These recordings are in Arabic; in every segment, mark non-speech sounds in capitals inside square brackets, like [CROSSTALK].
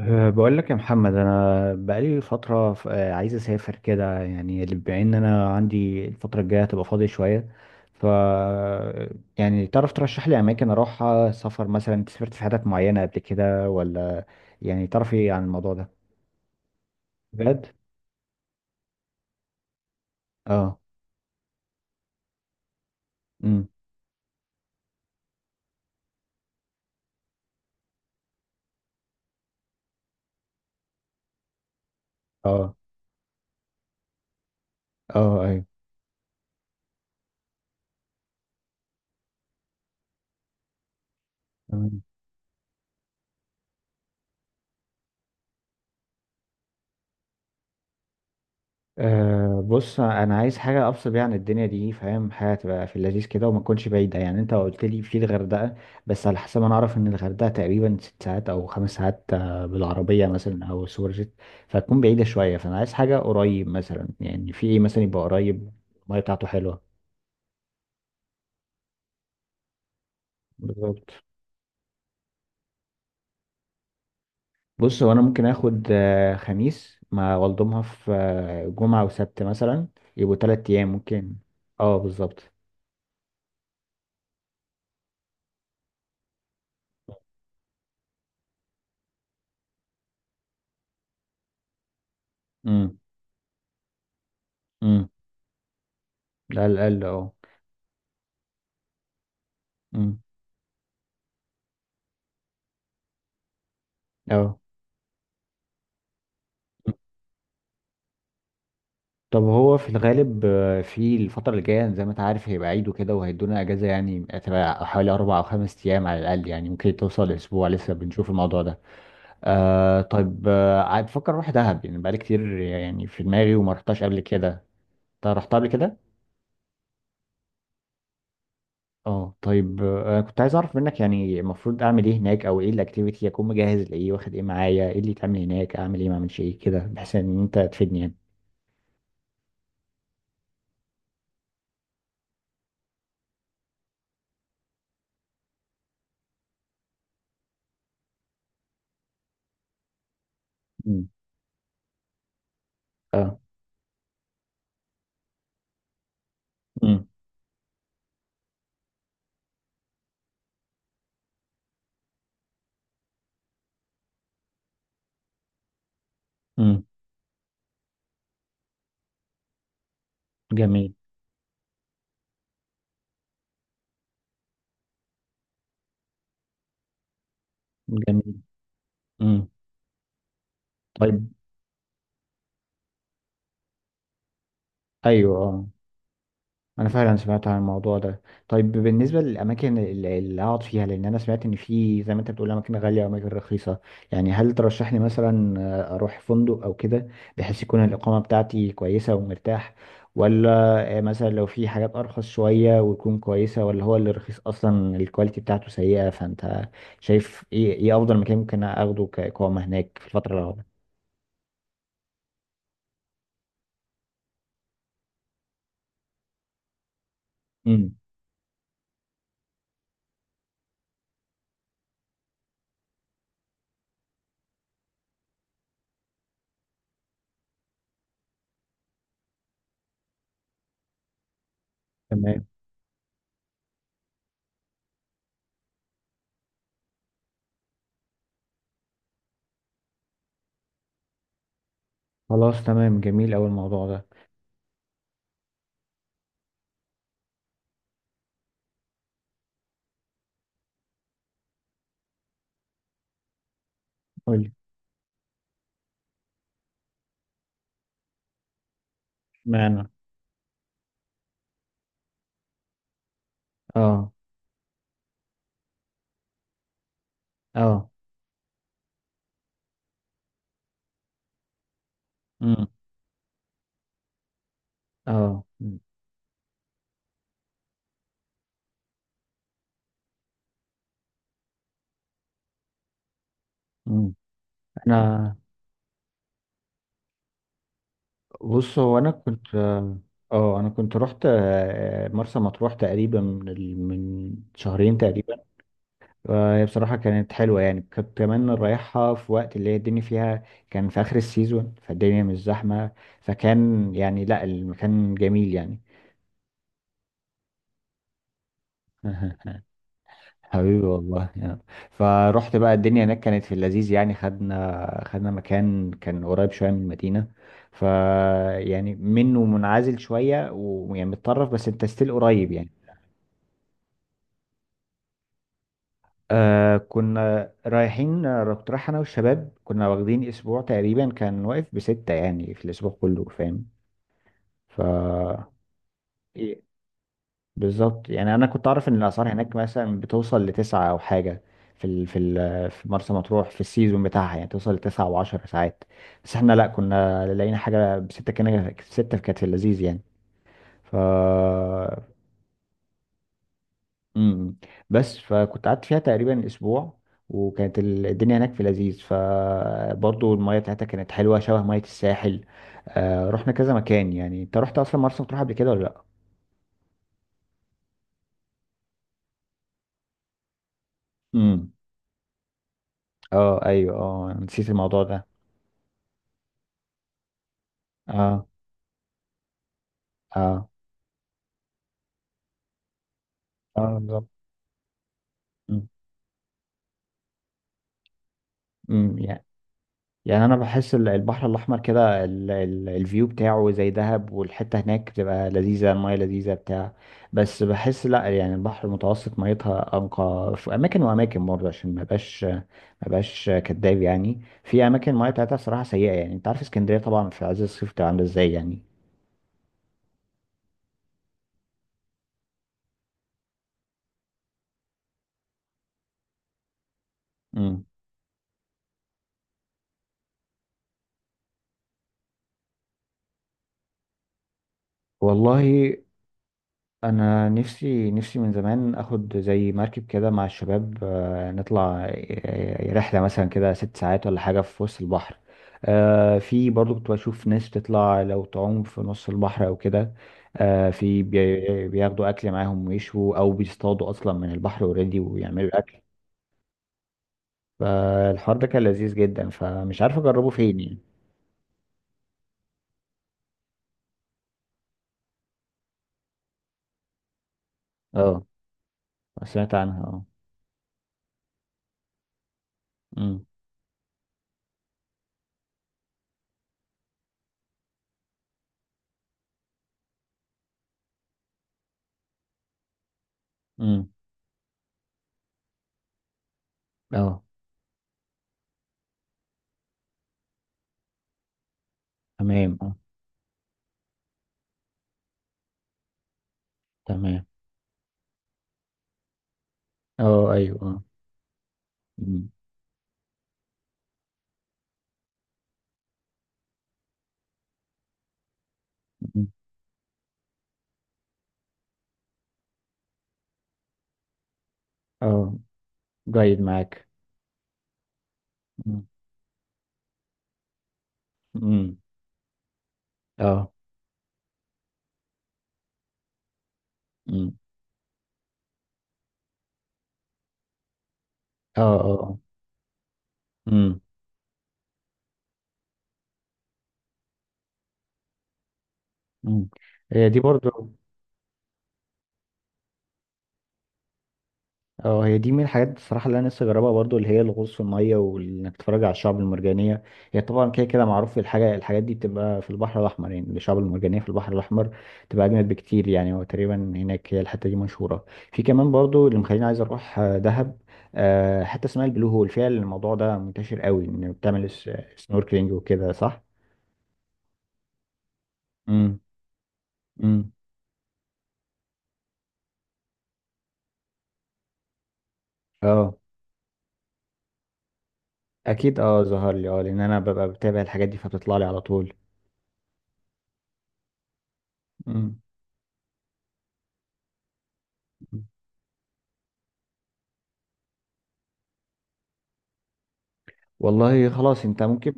بقول لك يا محمد انا بقالي فتره ف- أه، عايز اسافر كده، يعني بما ان انا عندي الفتره الجايه هتبقى فاضي شويه. ف يعني تعرف ترشح لي اماكن اروحها سفر؟ مثلا انت سافرت في حتت معينه قبل كده ولا؟ يعني تعرف ايه عن الموضوع ده؟ بجد؟ اه امم اه اه ايوه. بص، انا عايز حاجه افصل بيها عن الدنيا دي، فاهم؟ حاجه تبقى في اللذيذ كده وما تكونش بعيده. يعني انت قلت لي في الغردقه، بس على حسب ما انا اعرف ان الغردقه تقريبا 6 ساعات او 5 ساعات بالعربيه مثلا، او سوبر جيت. فتكون بعيده شويه، فانا عايز حاجه قريب. مثلا يعني في ايه مثلا يبقى قريب الميه بتاعته حلوه؟ بالظبط. بص، هو انا ممكن اخد خميس مع والدومها في جمعه وسبت مثلا، يبقوا 3 ايام ممكن. اه بالظبط. امم. امم. ده على الاقل، اه. امم. اه. طب هو في الغالب، في الفترة اللي جاية زي ما انت عارف هيبقى عيد وكده وهيدونا اجازة، يعني هتبقى حوالي 4 او 5 ايام على الاقل، يعني ممكن توصل لاسبوع. لسه بنشوف الموضوع ده. طيب، عاد بفكر اروح دهب، يعني بقالي كتير يعني في دماغي وما رحتهاش قبل كده. انت رحتها قبل كده؟ اه طيب، كنت عايز اعرف منك يعني المفروض اعمل ايه هناك، او ايه الاكتيفيتي، اكون مجهز لايه، واخد ايه معايا، ايه اللي يتعمل هناك، اعمل ايه ما اعملش ايه كده، بحيث ان انت تفيدني يعني. مم. اه. امم. جميل. جميل. امم. طيب. ايوه، اه. انا فعلا سمعت عن الموضوع ده. طيب بالنسبه للاماكن اللي اقعد فيها، لان انا سمعت ان في زي ما انت بتقول اماكن غاليه واماكن رخيصه، يعني هل ترشح لي مثلا اروح فندق او كده بحيث يكون الاقامه بتاعتي كويسه ومرتاح؟ ولا مثلا لو في حاجات ارخص شويه وتكون كويسه؟ ولا هو اللي رخيص اصلا الكواليتي بتاعته سيئه؟ فانت شايف ايه، ايه افضل مكان ممكن اخده كاقامه هناك في الفتره القريبه؟ امم. تمام. خلاص تمام، جميل أوي الموضوع ده. معنى. اه. اه. امم. اه. امم. انا. بص هو انا كنت. اه انا كنت رحت مرسى مطروح تقريبا من من شهرين تقريبا، وهي بصراحه كانت حلوه، يعني كنت كمان رايحها في وقت اللي هي الدنيا فيها كان في اخر السيزون فالدنيا مش زحمه، فكان يعني لا، المكان جميل يعني. [LAUGHS] حبيبي والله يعني. فروحت بقى، الدنيا هناك كانت في اللذيذ يعني. خدنا مكان كان قريب شوية من المدينة، ف يعني منه منعزل شوية ويعني متطرف، بس انت ستيل قريب يعني. كنا رايحين، كنت رايح انا والشباب، كنا واخدين اسبوع تقريبا، كان واقف بستة يعني في الاسبوع كله، فاهم؟ ف بالظبط. يعني انا كنت اعرف ان الاسعار هناك مثلا بتوصل لتسعة او حاجه في ال في ال في مرسى مطروح في السيزون بتاعها، يعني توصل لتسعة وعشر ساعات. بس احنا لا، كنا لقينا حاجه بستة، كان ستة كانت في اللذيذ يعني. ف امم. بس فكنت قعدت فيها تقريبا اسبوع، وكانت الدنيا هناك في لذيذ، فبرضه المياه بتاعتها كانت حلوه شبه مياه الساحل. رحنا كذا مكان يعني. انت رحت اصلا مرسى مطروح قبل كده ولا لا؟ امم. اه ايوه، اه نسيت الموضوع ده. اه. اه. اه بالظبط. مم. مم. يعني. يعني انا بحس البحر الاحمر كده الفيو بتاعه زي دهب، والحته هناك بتبقى لذيذه، المايه لذيذه، بتاع. بس بحس لا، يعني البحر المتوسط ميتها انقى في اماكن، واماكن برضه عشان ما بقاش كداب يعني، في اماكن المايه بتاعتها صراحه سيئه يعني، انت عارف اسكندريه طبعا في عز الصيف بتبقى عامله ازاي يعني. امم. والله، انا نفسي نفسي من زمان اخد زي مركب كده مع الشباب، نطلع رحله مثلا كده 6 ساعات ولا حاجه في وسط البحر. في برضو كنت بشوف ناس بتطلع لو تعوم في نص البحر او كده. بياخدوا اكل معاهم ويشوا او بيصطادوا اصلا من البحر اوريدي ويعملوا اكل. فالحوار ده كان لذيذ جدا، فمش عارف اجربه فين يعني. اه سمعت عنها، اه. امم. امم. اه. تمام اه. تمام. اه ايوه اه. مم. اه. جيد معاك. مم. مم. اه. مم. اه. اه. آه. مم. مم. هي دي برضو. اه، هي دي من الحاجات بصراحة اللي انا لسه جربها برضو، اللي هي الغوص في المية وانك تتفرج على الشعب المرجانية. هي طبعا كده كده معروف الحاجة، الحاجات دي بتبقى في البحر الأحمر يعني، الشعب المرجانية في البحر الأحمر بتبقى أجمد بكتير يعني، هو تقريبا هناك هي الحتة دي مشهورة. في كمان برضو اللي مخليني عايز أروح دهب، حتة اسمها البلو هول فيها الموضوع ده منتشر قوي، إن بتعمل سنوركلينج وكده، صح؟ مم. مم. اه اكيد، اه ظهر لي، اه، لان انا ببقى بتابع الحاجات دي فبتطلع لي على طول. مم. والله خلاص، انت ممكن.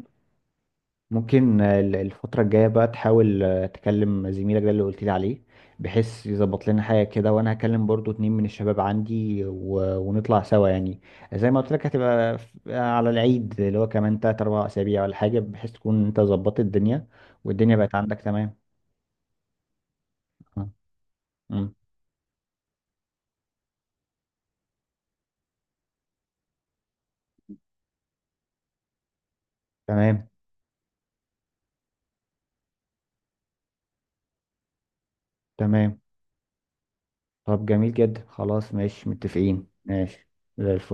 ممكن الفترة الجاية بقى تحاول تكلم زميلك ده اللي قلت لي عليه بحيث يظبط لنا حاجة كده، وانا هكلم برضو 2 من الشباب عندي، و... ونطلع سوا يعني. زي ما قلت لك، هتبقى على العيد اللي هو كمان 3 4 اسابيع ولا حاجة، بحيث تكون انت ظبطت الدنيا والدنيا بقت عندك. تمام. آه. مم. تمام. تمام. طب جميل جدا، خلاص ماشي، متفقين، ماشي. زي الفل.